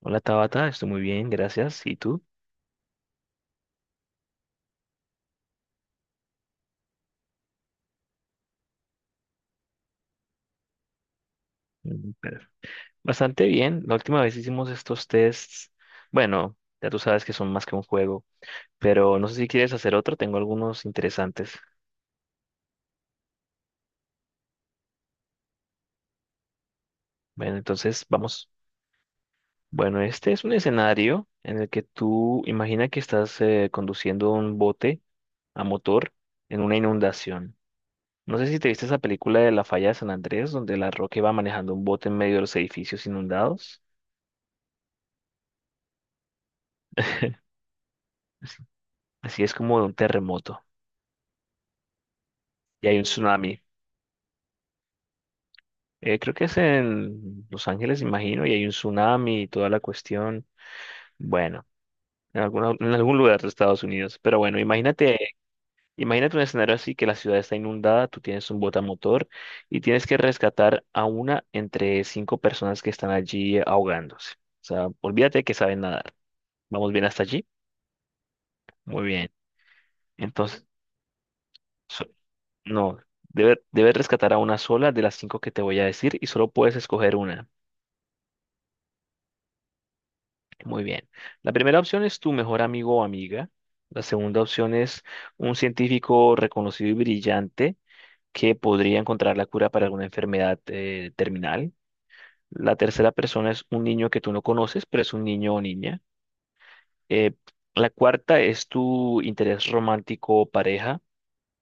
Hola Tabata, estoy muy bien, gracias. ¿Y tú? Mm. Bastante bien. La última vez hicimos estos tests. Bueno, ya tú sabes que son más que un juego, pero no sé si quieres hacer otro, tengo algunos interesantes. Bueno, entonces vamos. Bueno, este es un escenario en el que tú imagina que estás conduciendo un bote a motor en una inundación. No sé si te viste esa película de La Falla de San Andrés, donde La Roca iba manejando un bote en medio de los edificios inundados. Así así es como de un terremoto y hay un tsunami. Creo que es en Los Ángeles, imagino, y hay un tsunami y toda la cuestión. Bueno, en algún lugar de Estados Unidos. Pero bueno, imagínate, imagínate un escenario así que la ciudad está inundada, tú tienes un botamotor y tienes que rescatar a una entre cinco personas que están allí ahogándose. O sea, olvídate que saben nadar. ¿Vamos bien hasta allí? Muy bien. Entonces, so- no, debes rescatar a una sola de las cinco que te voy a decir y solo puedes escoger una. Muy bien. La primera opción es tu mejor amigo o amiga. La segunda opción es un científico reconocido y brillante que podría encontrar la cura para alguna enfermedad terminal. La tercera persona es un niño que tú no conoces, pero es un niño o niña. Eh, la cuarta es tu interés romántico o pareja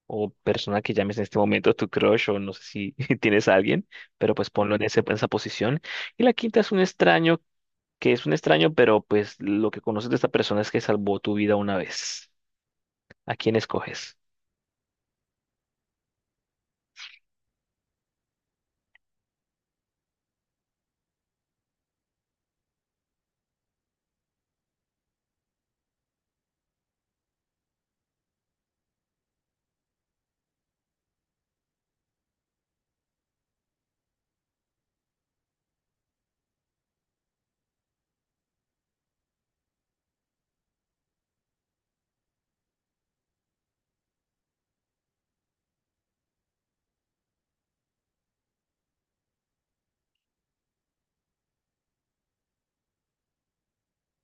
o persona que llames en este momento tu crush o no sé si tienes a alguien, pero pues ponlo en en esa posición. Y la quinta es un extraño que es un extraño, pero pues lo que conoces de esta persona es que salvó tu vida una vez. ¿A quién escoges?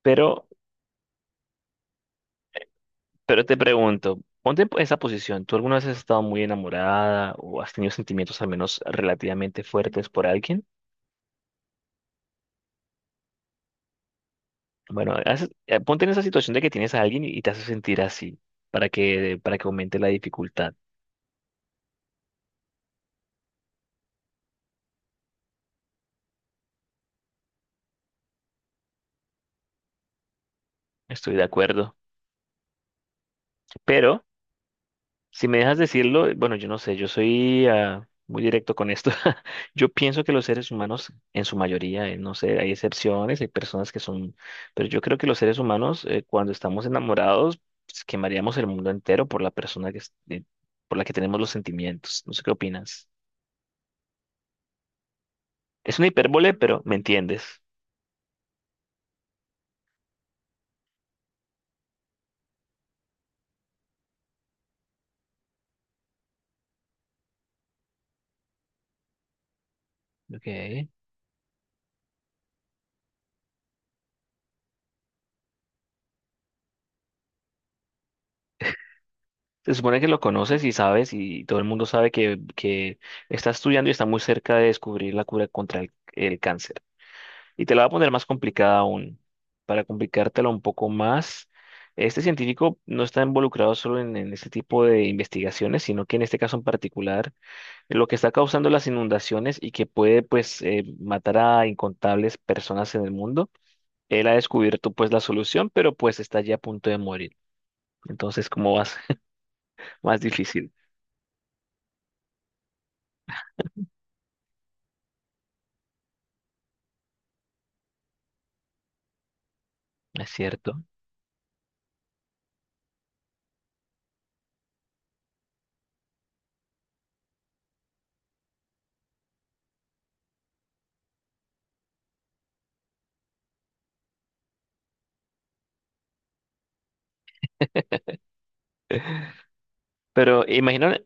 Pero, pero te pregunto, ponte en esa posición. ¿Tú alguna vez has estado muy enamorada o has tenido sentimientos al menos relativamente fuertes por alguien? Bueno, ponte en esa situación de que tienes a alguien y te hace sentir así, para que aumente la dificultad. Estoy de acuerdo. Pero si me dejas decirlo, bueno, yo no sé, yo soy muy directo con esto. Yo pienso que los seres humanos, en su mayoría, no sé, hay excepciones, hay personas que son, pero yo creo que los seres humanos, cuando estamos enamorados, pues, quemaríamos el mundo entero por la persona que, por la que tenemos los sentimientos. No sé qué opinas. Es una hipérbole, pero me entiendes. Okay. Se supone que lo conoces y sabes, y todo el mundo sabe que está estudiando y está muy cerca de descubrir la cura contra el cáncer. Y te la voy a poner más complicada aún. Para complicártela un poco más, este científico no está involucrado solo en este tipo de investigaciones, sino que en este caso en particular, lo que está causando las inundaciones y que puede pues matar a incontables personas en el mundo, él ha descubierto pues la solución, pero pues está ya a punto de morir. Entonces, ¿cómo vas? Más difícil, es cierto. Pero imagina,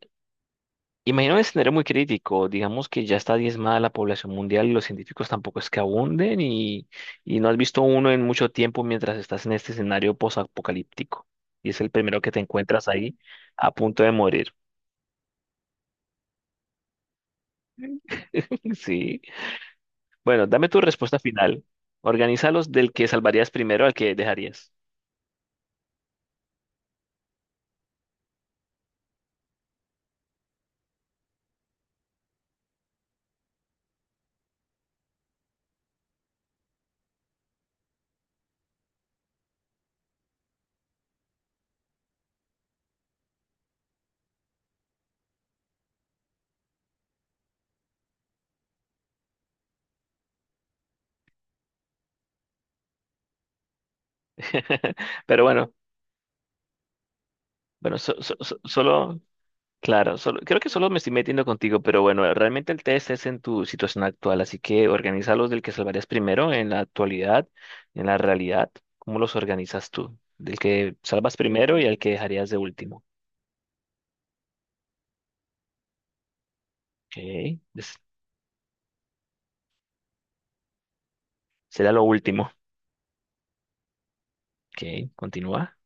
imagino un escenario muy crítico, digamos que ya está diezmada la población mundial y los científicos tampoco es que abunden y no has visto uno en mucho tiempo mientras estás en este escenario posapocalíptico y es el primero que te encuentras ahí a punto de morir. Sí. Bueno, dame tu respuesta final. Organízalos del que salvarías primero al que dejarías. Pero bueno, bueno, solo, claro, solo, creo que solo me estoy metiendo contigo, pero bueno, realmente el test es en tu situación actual, así que organiza los del que salvarías primero en la actualidad, en la realidad. ¿Cómo los organizas tú? Del que salvas primero y al que dejarías de último. Ok, es- será lo último. Ok, continúa.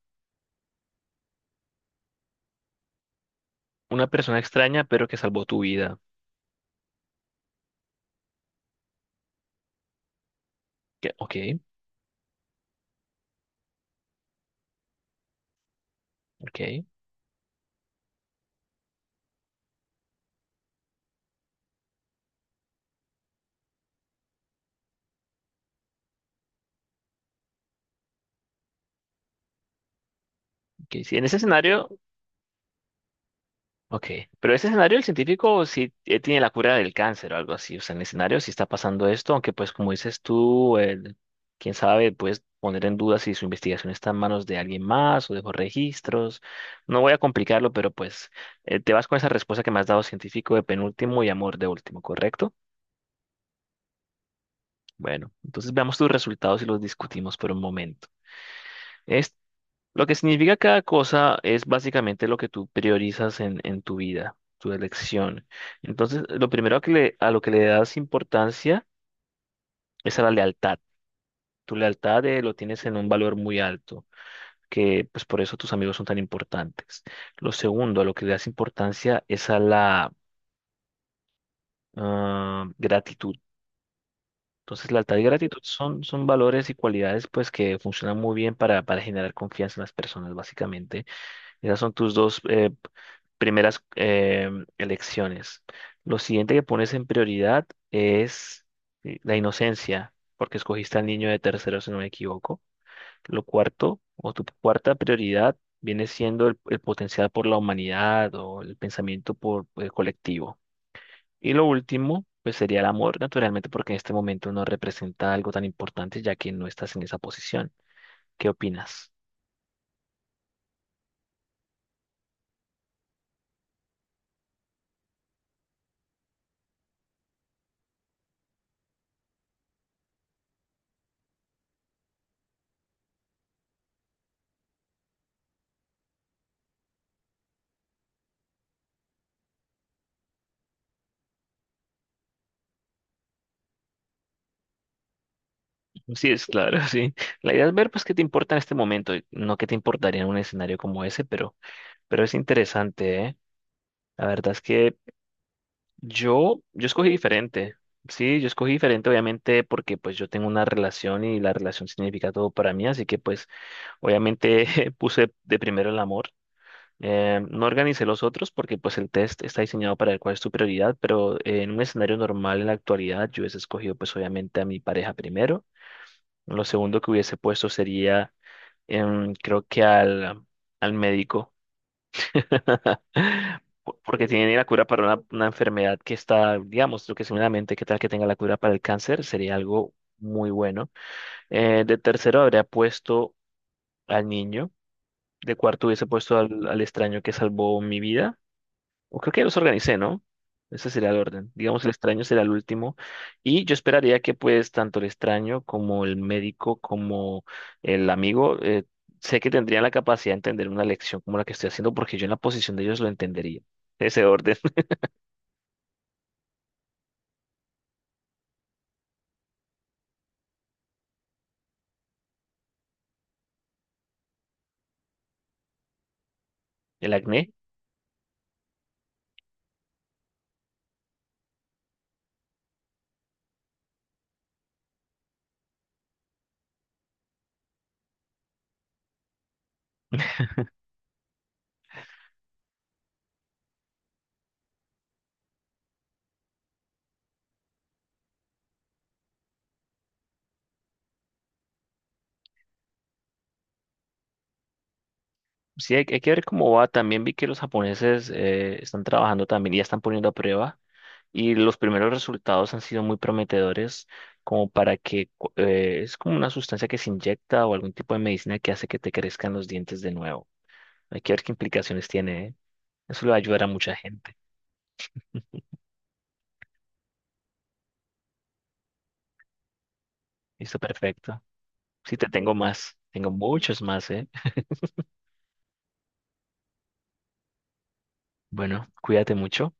Una persona extraña, pero que salvó tu vida. Ok, ok, ok. Si en ese escenario, ok, pero ese escenario el científico sí tiene la cura del cáncer o algo así, o sea, en el escenario sí está pasando esto, aunque pues como dices tú, quién sabe, puedes poner en duda si su investigación está en manos de alguien más o de los registros, no voy a complicarlo, pero pues te vas con esa respuesta que me has dado científico de penúltimo y amor de último, ¿correcto? Bueno, entonces veamos tus resultados y los discutimos por un momento. Lo que significa cada cosa es básicamente lo que tú priorizas en tu vida, tu elección. Entonces, lo primero que a lo que le das importancia es a la lealtad. Tu lealtad lo tienes en un valor muy alto, que pues por eso tus amigos son tan importantes. Lo segundo, a lo que le das importancia es a la gratitud. Entonces, lealtad y gratitud son, son valores y cualidades pues que funcionan muy bien para generar confianza en las personas, básicamente. Esas son tus dos primeras elecciones. Lo siguiente que pones en prioridad es la inocencia, porque escogiste al niño de tercero, si no me equivoco. Lo cuarto, o tu cuarta prioridad, viene siendo el potencial por la humanidad o el pensamiento por colectivo. Y lo último, pues sería el amor, naturalmente, porque en este momento no representa algo tan importante, ya que no estás en esa posición. ¿Qué opinas? Sí, es claro, sí. La idea es ver, pues, qué te importa en este momento, y no qué te importaría en un escenario como ese, pero es interesante, ¿eh? La verdad es que yo escogí diferente. Sí, yo escogí diferente, obviamente, porque pues yo tengo una relación y la relación significa todo para mí, así que pues, obviamente, puse de primero el amor. No organicé los otros porque pues el test está diseñado para ver cuál es tu prioridad, pero en un escenario normal en la actualidad yo hubiese escogido pues obviamente a mi pareja primero. Lo segundo que hubiese puesto sería creo que al médico, porque tiene la cura para una enfermedad que está, digamos, lo que seguramente, qué tal que tenga la cura para el cáncer, sería algo muy bueno. De tercero habría puesto al niño, de cuarto hubiese puesto al extraño que salvó mi vida. O creo que ya los organicé, ¿no? Ese sería el orden. Digamos, el extraño será el último. Y yo esperaría que pues tanto el extraño como el médico como el amigo, sé que tendrían la capacidad de entender una lección como la que estoy haciendo porque yo en la posición de ellos lo entendería. Ese orden. El acné. Sí, hay que ver cómo va. También vi que los japoneses están trabajando también y ya están poniendo a prueba. Y los primeros resultados han sido muy prometedores, como para que es como una sustancia que se inyecta o algún tipo de medicina que hace que te crezcan los dientes de nuevo. Hay que ver qué implicaciones tiene, ¿eh? Eso le va a ayudar a mucha gente. Listo, perfecto. Sí, te tengo más. Tengo muchos más, ¿eh? Bueno, cuídate mucho.